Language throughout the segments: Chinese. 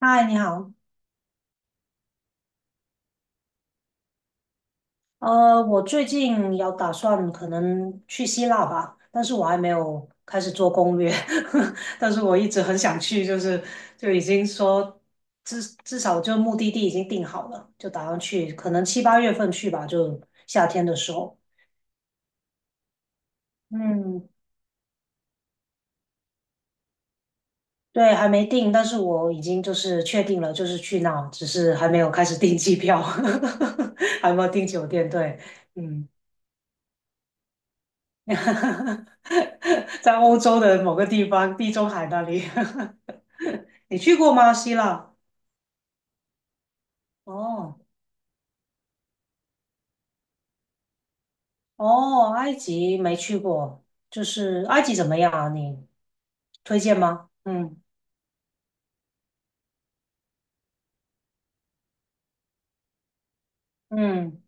嗨，你好。我最近有打算可能去希腊吧，但是我还没有开始做攻略，但是我一直很想去，就是就已经说至少就目的地已经定好了，就打算去，可能七八月份去吧，就夏天的时候。嗯，对，还没定，但是我已经就是确定了，就是去那，只是还没有开始订机票，还没有订酒店，对，嗯。在欧洲的某个地方，地中海那里。你去过吗？希腊？哦哦，埃及没去过，就是埃及怎么样啊？你推荐吗？嗯嗯，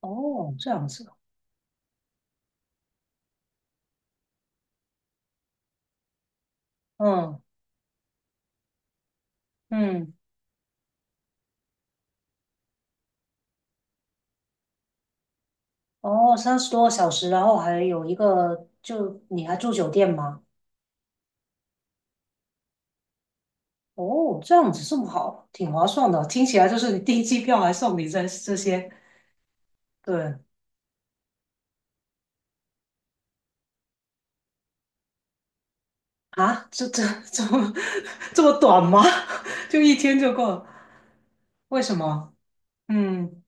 哦，这样子，嗯嗯，哦，三十多个小时，然后还有一个，就你还住酒店吗？哦，这样子这么好，挺划算的，听起来就是你订机票还送你这些，对，啊，这这么 这么短吗？就一天就够了？为什么？嗯，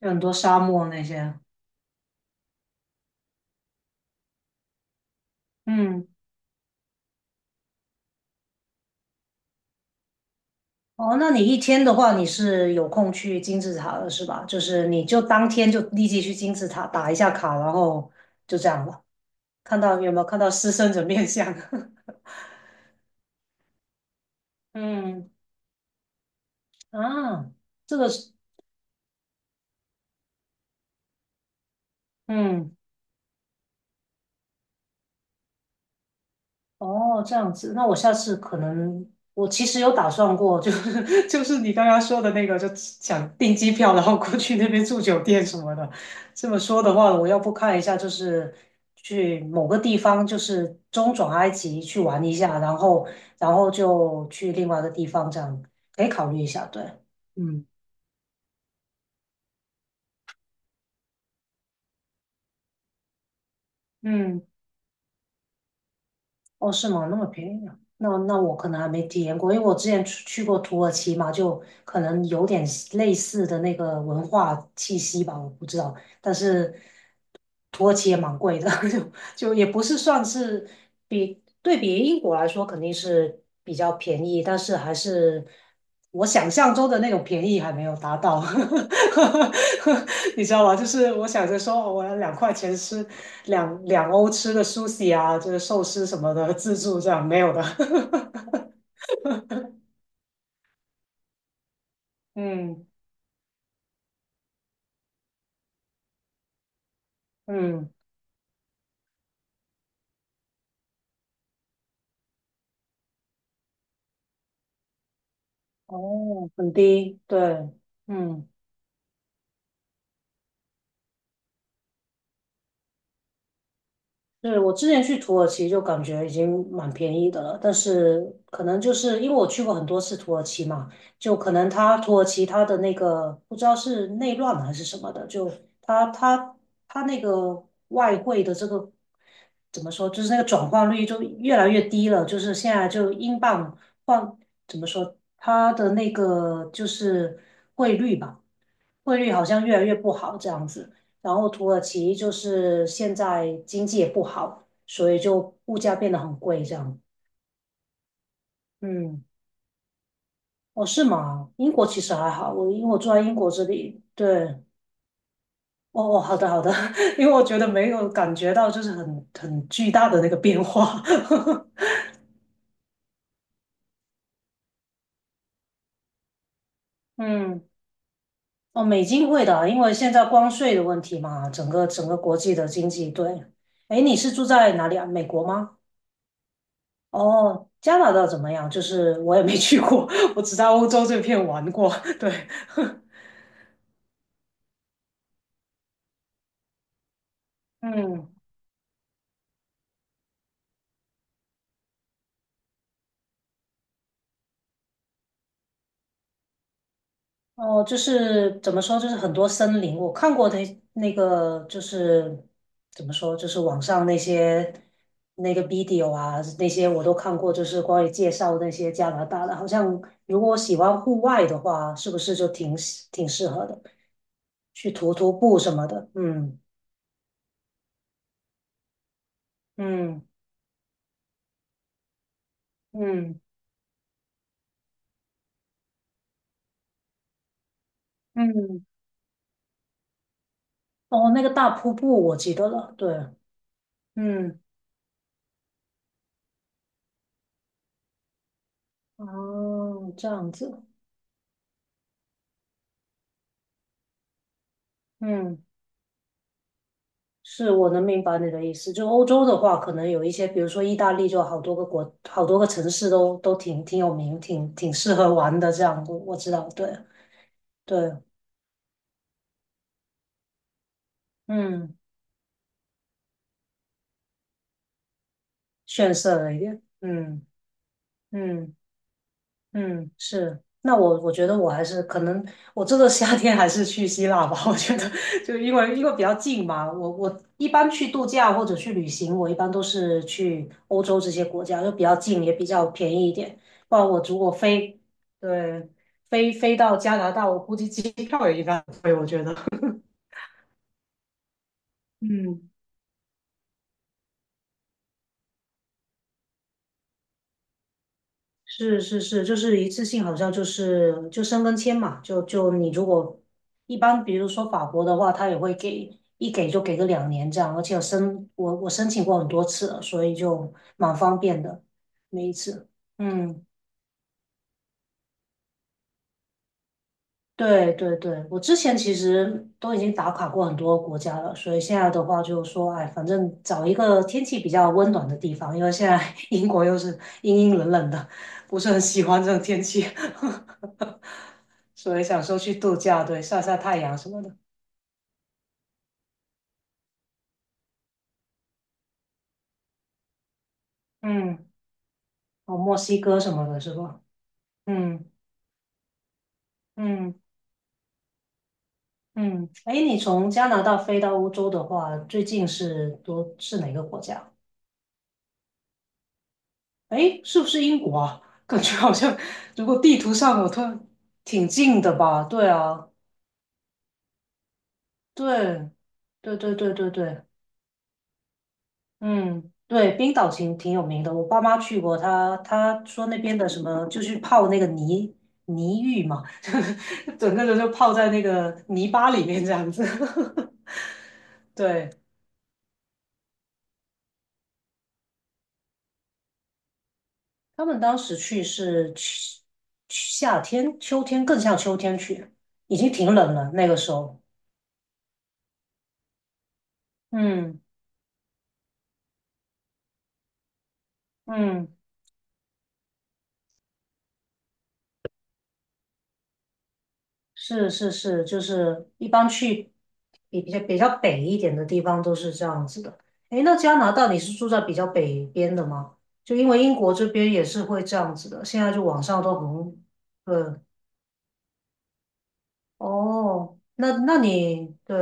有很多沙漠那些。嗯，哦，那你一天的话，你是有空去金字塔的是吧？就是你就当天就立即去金字塔打一下卡，然后就这样了。看到有没有看到狮身人面像？嗯啊，这个是嗯。哦，这样子，那我下次可能，我其实有打算过，就是 就是你刚刚说的那个，就想订机票，然后过去那边住酒店什么的。这么说的话，我要不看一下，就是去某个地方，就是中转埃及去玩一下，然后然后就去另外一个地方，这样可以考虑一下。对，嗯嗯。哦，是吗？那么便宜啊？那我可能还没体验过，因为我之前去过土耳其嘛，就可能有点类似的那个文化气息吧，我不知道。但是土耳其也蛮贵的，就就也不是算是比对比英国来说肯定是比较便宜，但是还是我想象中的那种便宜还没有达到。你知道吗？就是我想着说哦我要两块钱吃。两欧吃的 sushi 啊，就是寿司什么的自助这样没有的。嗯嗯，哦，很低，对，嗯。对，我之前去土耳其就感觉已经蛮便宜的了，但是可能就是因为我去过很多次土耳其嘛，就可能它土耳其它的那个不知道是内乱还是什么的，就它它那个外汇的这个怎么说，就是那个转换率就越来越低了，就是现在就英镑换怎么说，它的那个就是汇率吧，汇率好像越来越不好这样子。然后土耳其就是现在经济也不好，所以就物价变得很贵这样。嗯，哦，是吗？英国其实还好，我因为我住在英国这里，对。哦哦，好的好的，因为我觉得没有感觉到就是很巨大的那个变化。嗯，哦，美金会的，因为现在关税的问题嘛，整个国际的经济，对。哎，你是住在哪里啊？美国吗？哦，加拿大怎么样？就是我也没去过，我只在欧洲这片玩过。对，嗯，哦，就是怎么说，就是很多森林，我看过的那个，就是怎么说，就是网上那些那个 video 啊，那些我都看过，就是关于介绍那些加拿大的，好像如果喜欢户外的话，是不是就挺适合的，去徒步什么的。嗯嗯嗯嗯。哦，那个大瀑布我记得了，对，嗯哦，这样子，嗯是我能明白你的意思。就欧洲的话，可能有一些，比如说意大利，就好多个国，好多个城市都挺有名，挺适合玩的。这样，我知道，对对，嗯逊色了一点。嗯嗯。嗯，是。那我觉得我还是可能，我这个夏天还是去希腊吧。我觉得就因为比较近嘛，我一般去度假或者去旅行，我一般都是去欧洲这些国家，就比较近，也比较便宜一点。不然我如果飞，对，飞到加拿大，我估计机票也一般贵，我觉得。嗯是是是，就是一次性，好像就是就申根签嘛，就就你如果一般，比如说法国的话，他也会给一给就给个两年这样，而且我申请过很多次了，所以就蛮方便的，每一次。嗯，对对对，我之前其实都已经打卡过很多国家了，所以现在的话就是说，哎，反正找一个天气比较温暖的地方，因为现在 英国又是阴阴冷冷的，不是很喜欢这种天气。所以想说去度假，对，晒晒太阳什么的。嗯，哦，墨西哥什么的，是吧？嗯嗯嗯。哎，你从加拿大飞到欧洲的话，最近是多是哪个国家？哎，是不是英国啊？感觉好像，如果地图上我突然挺近的吧？对啊，对，对对对对对，嗯，对，冰岛挺有名的，我爸妈去过，他说那边的什么就是泡那个泥浴嘛，就是整个人就泡在那个泥巴里面这样子。对，他们当时去是去夏天、秋天，更像秋天去，已经挺冷了那个时候。嗯嗯。是是是，就是一般去比较比较北一点的地方都是这样子的。诶，那加拿大你是住在比较北边的吗？就因为英国这边也是会这样子的，现在就网上都很，对，哦，那那你对，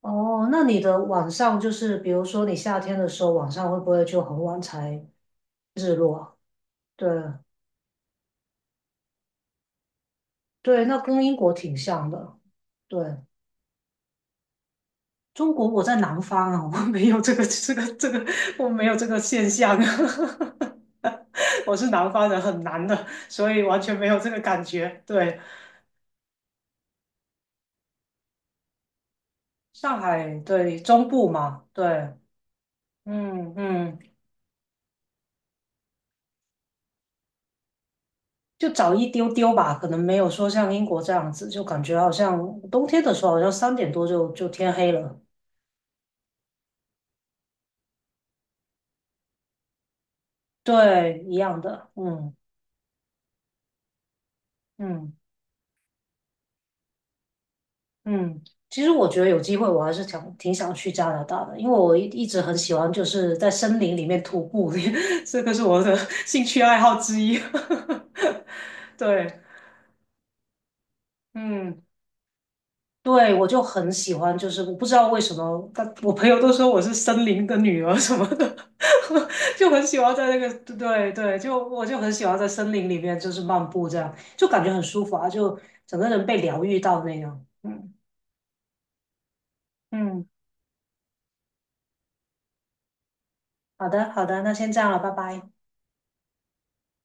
哦，那你的晚上就是比如说你夏天的时候晚上会不会就很晚才日落啊对对，那跟英国挺像的，对。中国我在南方啊，我没有这个 这个，我没有这个现象啊，我是南方人，很难的，所以完全没有这个感觉。对，上海，对，中部嘛，对，嗯嗯，就早一丢丢吧，可能没有说像英国这样子，就感觉好像冬天的时候，好像三点多就就天黑了。对，一样的，嗯嗯。嗯，其实我觉得有机会，我还是想挺想去加拿大的，因为我一直很喜欢就是在森林里面徒步，这个是我的 兴趣爱好之一。对，嗯，对，我就很喜欢，就是我不知道为什么，但我朋友都说我是森林的女儿什么的，就很喜欢在那个，对对，就我就很喜欢在森林里面就是漫步这样，就感觉很舒服啊，就整个人被疗愈到那样。嗯嗯，好的好的，那先这样了，拜拜。